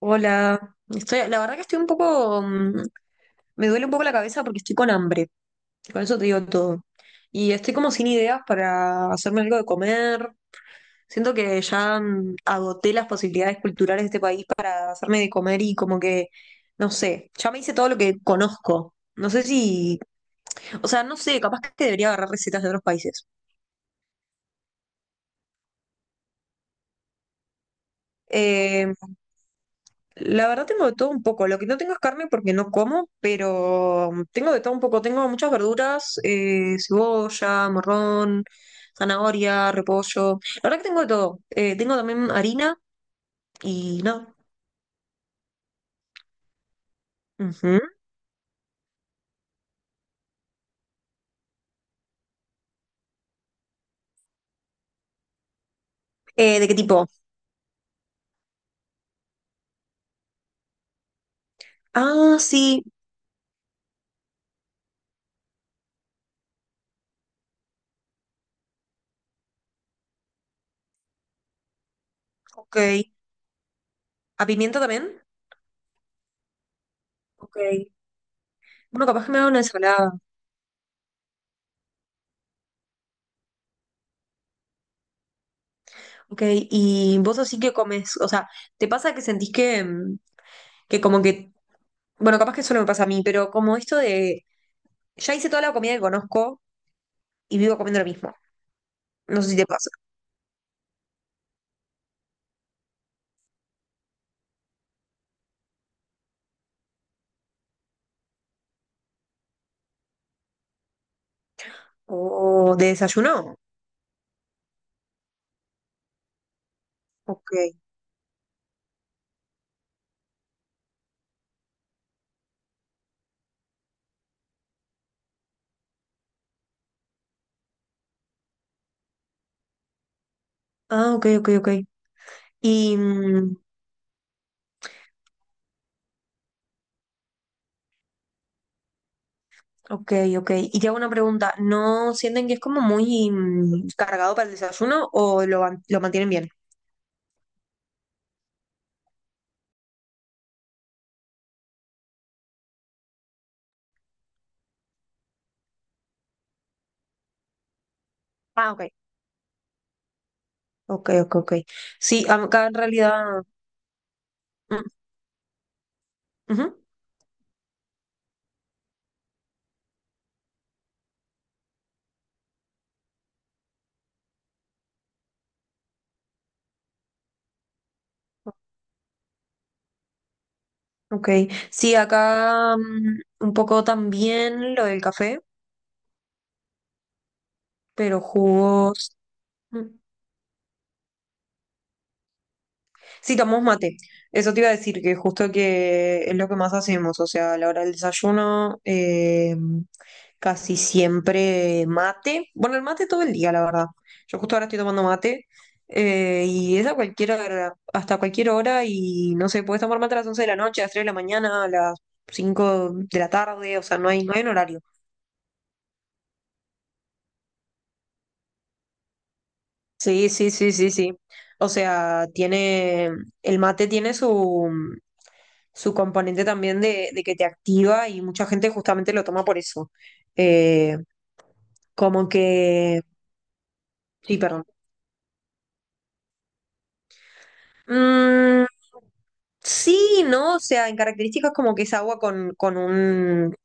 Hola, estoy, la verdad que estoy un poco. Me duele un poco la cabeza porque estoy con hambre, con eso te digo todo. Y estoy como sin ideas para hacerme algo de comer. Siento que ya agoté las posibilidades culturales de este país para hacerme de comer y como que, no sé, ya me hice todo lo que conozco. No sé si, o sea, no sé, capaz que debería agarrar recetas de otros países. Eh, La verdad tengo de todo un poco. Lo que no tengo es carne porque no como, pero tengo de todo un poco. Tengo muchas verduras, cebolla, morrón, zanahoria, repollo. La verdad que tengo de todo. Tengo también harina y no. Ujú. ¿De qué tipo? Ah, sí, ok. ¿A pimiento también? Ok. Bueno, capaz que me haga una ensalada. Ok, y vos así que comes, o sea, ¿te pasa que sentís que, que como que, bueno, capaz que solo me pasa a mí, pero como esto de. Ya hice toda la comida que conozco, y vivo comiendo lo mismo. No sé si te pasa. O de desayuno. Ok. Ah, ok, ok, ok. Y, mm, ok, ok. Y te hago una pregunta. ¿No sienten que es como muy cargado para el desayuno o lo mantienen bien? Ah, ok. Ok, ok, ok. Sí, acá en realidad. Mm, ujú. Ok, sí, acá un poco también lo del café, pero jugos. Mm, sí, tomamos mate. Eso te iba a decir, que justo que es lo que más hacemos, o sea, a la hora del desayuno, casi siempre mate. Bueno, el mate todo el día, la verdad. Yo justo ahora estoy tomando mate y es a cualquier hora, hasta cualquier hora y no sé, puedes tomar mate a las 11 de la noche, a las 3 de la mañana, a las 5 de la tarde, o sea, no hay un horario. Sí, sí, sí, sí, sí. O sea, el mate tiene su componente también de que te activa y mucha gente justamente lo toma por eso. Eh, como que. Sí, perdón. Mm, sí, ¿no? O sea, en características como que es agua con un.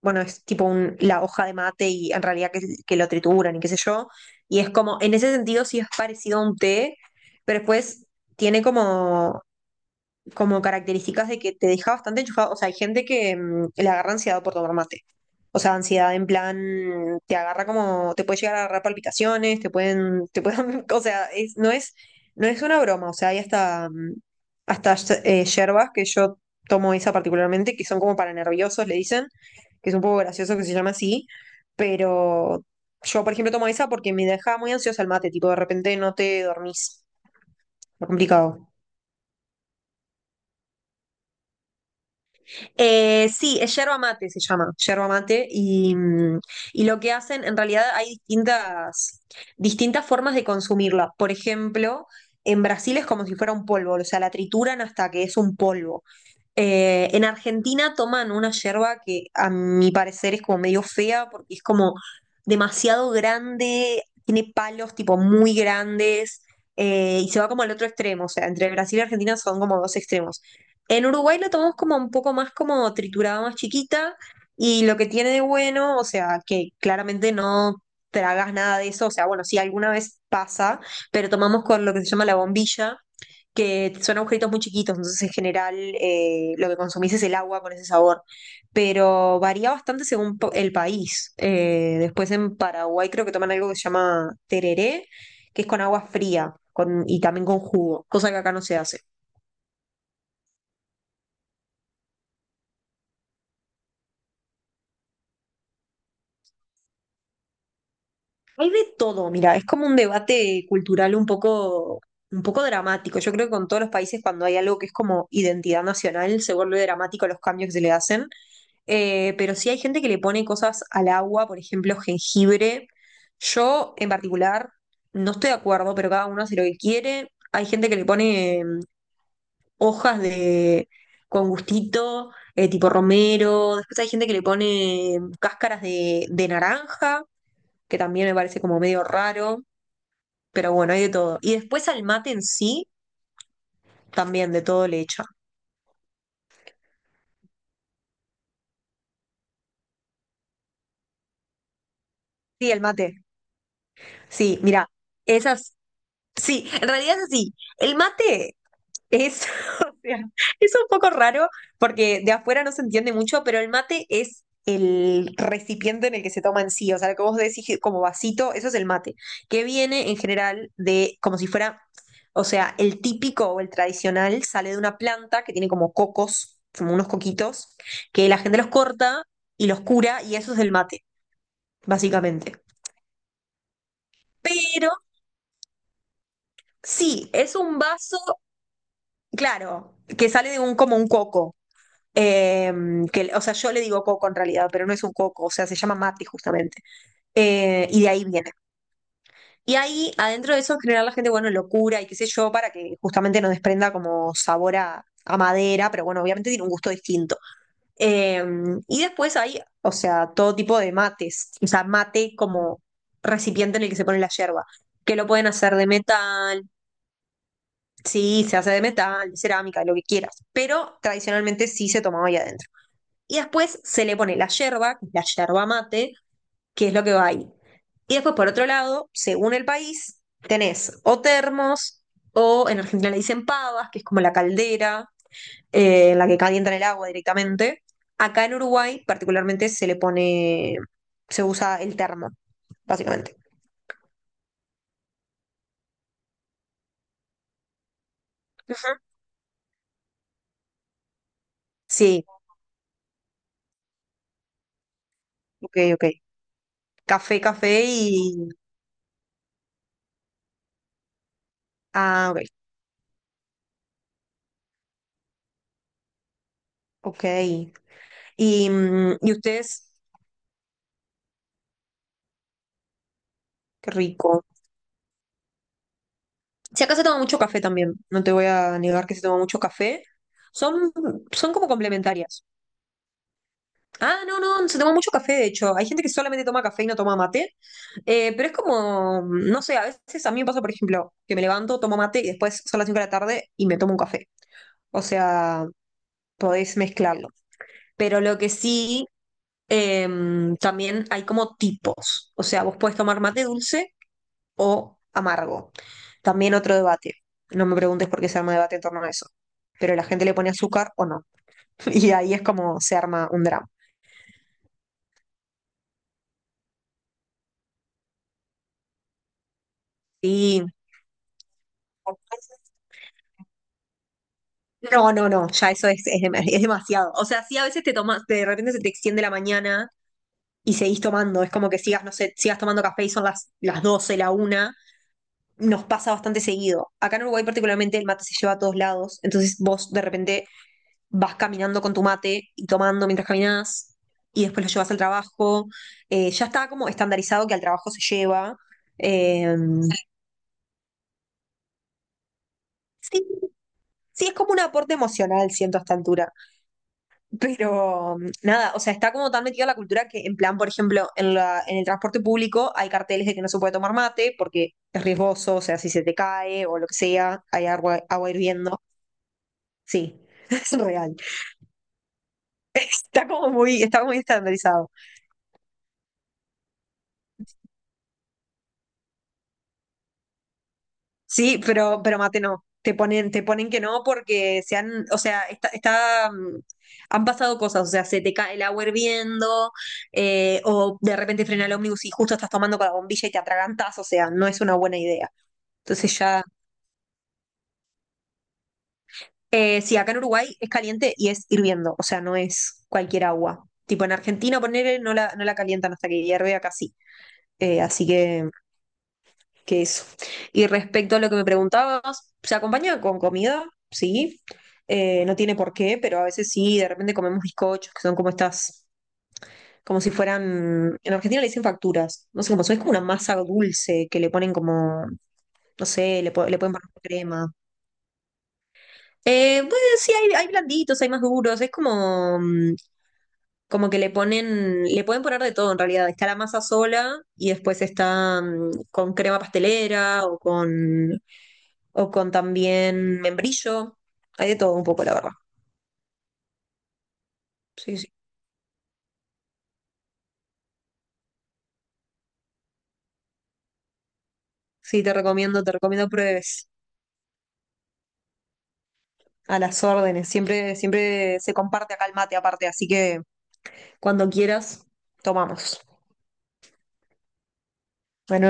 Bueno, es tipo la hoja de mate y en realidad que lo trituran y qué sé yo. Y es como, en ese sentido sí es parecido a un té, pero después tiene como características de que te deja bastante enchufado. O sea, hay gente que le agarra ansiedad por tomar mate. O sea, ansiedad en plan, te agarra como, te puede llegar a agarrar palpitaciones, te pueden, o sea, no es una broma. O sea, hay hasta yerbas que yo tomo esa particularmente, que son como para nerviosos, le dicen, que es un poco gracioso que se llama así, pero yo, por ejemplo, tomo esa porque me deja muy ansiosa el mate, tipo, de repente no te dormís. Es complicado. Sí, es yerba mate, se llama, yerba mate, y lo que hacen, en realidad hay distintas formas de consumirla. Por ejemplo, en Brasil es como si fuera un polvo, o sea, la trituran hasta que es un polvo. En Argentina toman una yerba que a mi parecer es como medio fea porque es como demasiado grande, tiene palos tipo muy grandes y se va como al otro extremo, o sea, entre Brasil y Argentina son como dos extremos. En Uruguay lo tomamos como un poco más como triturada, más chiquita, y lo que tiene de bueno, o sea, que claramente no tragas nada de eso, o sea, bueno, sí, alguna vez pasa, pero tomamos con lo que se llama la bombilla, que son agujeritos muy chiquitos, entonces en general lo que consumís es el agua con ese sabor, pero varía bastante según el país. Después en Paraguay creo que toman algo que se llama tereré, que es con agua fría y también con jugo, cosa que acá no se hace. Hay de todo, mira, es como un debate cultural un poco dramático. Yo creo que con todos los países cuando hay algo que es como identidad nacional se vuelve dramático los cambios que se le hacen. Pero sí hay gente que le pone cosas al agua, por ejemplo, jengibre. Yo en particular no estoy de acuerdo, pero cada uno hace lo que quiere. Hay gente que le pone hojas de con gustito, tipo romero. Después hay gente que le pone cáscaras de naranja que también me parece como medio raro pero bueno, hay de todo. Y después al mate en sí, también de todo le echan. Sí, el mate. Sí, mira, esas. Sí, en realidad es así. Es, o sea, es un poco raro porque de afuera no se entiende mucho, pero el mate es el recipiente en el que se toma en sí, o sea, lo que vos decís como vasito, eso es el mate, que viene en general de como si fuera, o sea, el típico o el tradicional sale de una planta que tiene como cocos, como unos coquitos, que la gente los corta y los cura y eso es el mate, básicamente. Pero sí, es un vaso, claro, que sale de un como un coco. Eh, o sea, yo le digo coco en realidad, pero no es un coco, o sea, se llama mate justamente. Y de ahí viene. Y ahí, adentro de eso, en general la gente, bueno, locura y qué sé yo, para que justamente no desprenda como sabor a madera, pero bueno, obviamente tiene un gusto distinto. Eh, y después hay, o sea, todo tipo de mates, o sea, mate como recipiente en el que se pone la yerba, que lo pueden hacer de metal, sí, se hace de metal, de cerámica, de lo que quieras, pero tradicionalmente sí se tomaba ahí adentro. Y después se le pone la yerba, que es la yerba mate, que es lo que va ahí. Y después, por otro lado, según el país, tenés o termos, o en Argentina le dicen pavas, que es como la caldera en la que calientan el agua directamente. Acá en Uruguay, particularmente, se usa el termo, básicamente. Ujú. Sí, ok, ok. Café, café y. Ah, ok, ok. Y ustedes, qué rico. Si acá se toma mucho café también, no te voy a negar que se toma mucho café. Son, son como complementarias. Ah, no, no, se toma mucho café, de hecho. Hay gente que solamente toma café y no toma mate. Pero es como, no sé, a veces a mí me pasa, por ejemplo, que me levanto, tomo mate y después son las 5 de la tarde y me tomo un café. O sea, podés mezclarlo. Pero lo que sí, eh, también hay como tipos. O sea, vos podés tomar mate dulce o amargo. También otro debate. No me preguntes por qué se arma debate en torno a eso. Pero la gente le pone azúcar o no. Y ahí es como se arma un drama. Sí. No, no, no, ya eso es demasiado. O sea, sí, a veces te tomas, de repente se te extiende la mañana y seguís tomando. Es como que sigas, no sé, sigas tomando café y son las 12, la 1. Nos pasa bastante seguido. Acá en Uruguay, particularmente, el mate se lleva a todos lados. Entonces, vos de repente vas caminando con tu mate y tomando mientras caminas y después lo llevas al trabajo. Ya está como estandarizado que al trabajo se lleva. Eh, sí, sí, es como un aporte emocional, siento a esta altura. Pero nada, o sea, está como tan metida la cultura que en plan, por ejemplo, en en el transporte público hay carteles de que no se puede tomar mate porque es riesgoso, o sea, si se te cae o lo que sea, hay agua hirviendo. Sí, es real. Está como está muy estandarizado. Sí, pero mate no. Te ponen que no porque se han, o sea, está, han pasado cosas, o sea, se te cae el agua hirviendo, o de repente frena el ómnibus y justo estás tomando con la bombilla y te atragantas, o sea, no es una buena idea. Entonces ya, sí, acá en Uruguay es caliente y es hirviendo, o sea, no es cualquier agua. Tipo en Argentina, poner no la, no la calientan hasta que hierve acá sí. Así que eso. Y respecto a lo que me preguntabas, ¿se acompaña con comida? Sí. No tiene por qué, pero a veces sí, de repente comemos bizcochos, que son como estas, como si fueran, en Argentina le dicen facturas, no sé cómo son, es como una masa dulce que le ponen como, no sé, le pueden poner crema. Pues sí, hay blanditos, hay más duros, es como, como que le pueden poner de todo en realidad. Está la masa sola y después está con crema pastelera o o con también membrillo. Hay de todo un poco, la verdad. Sí, sí. Sí, te recomiendo pruebes a las órdenes. Siempre, siempre se comparte acá el mate aparte, así que cuando quieras, tomamos. Bueno.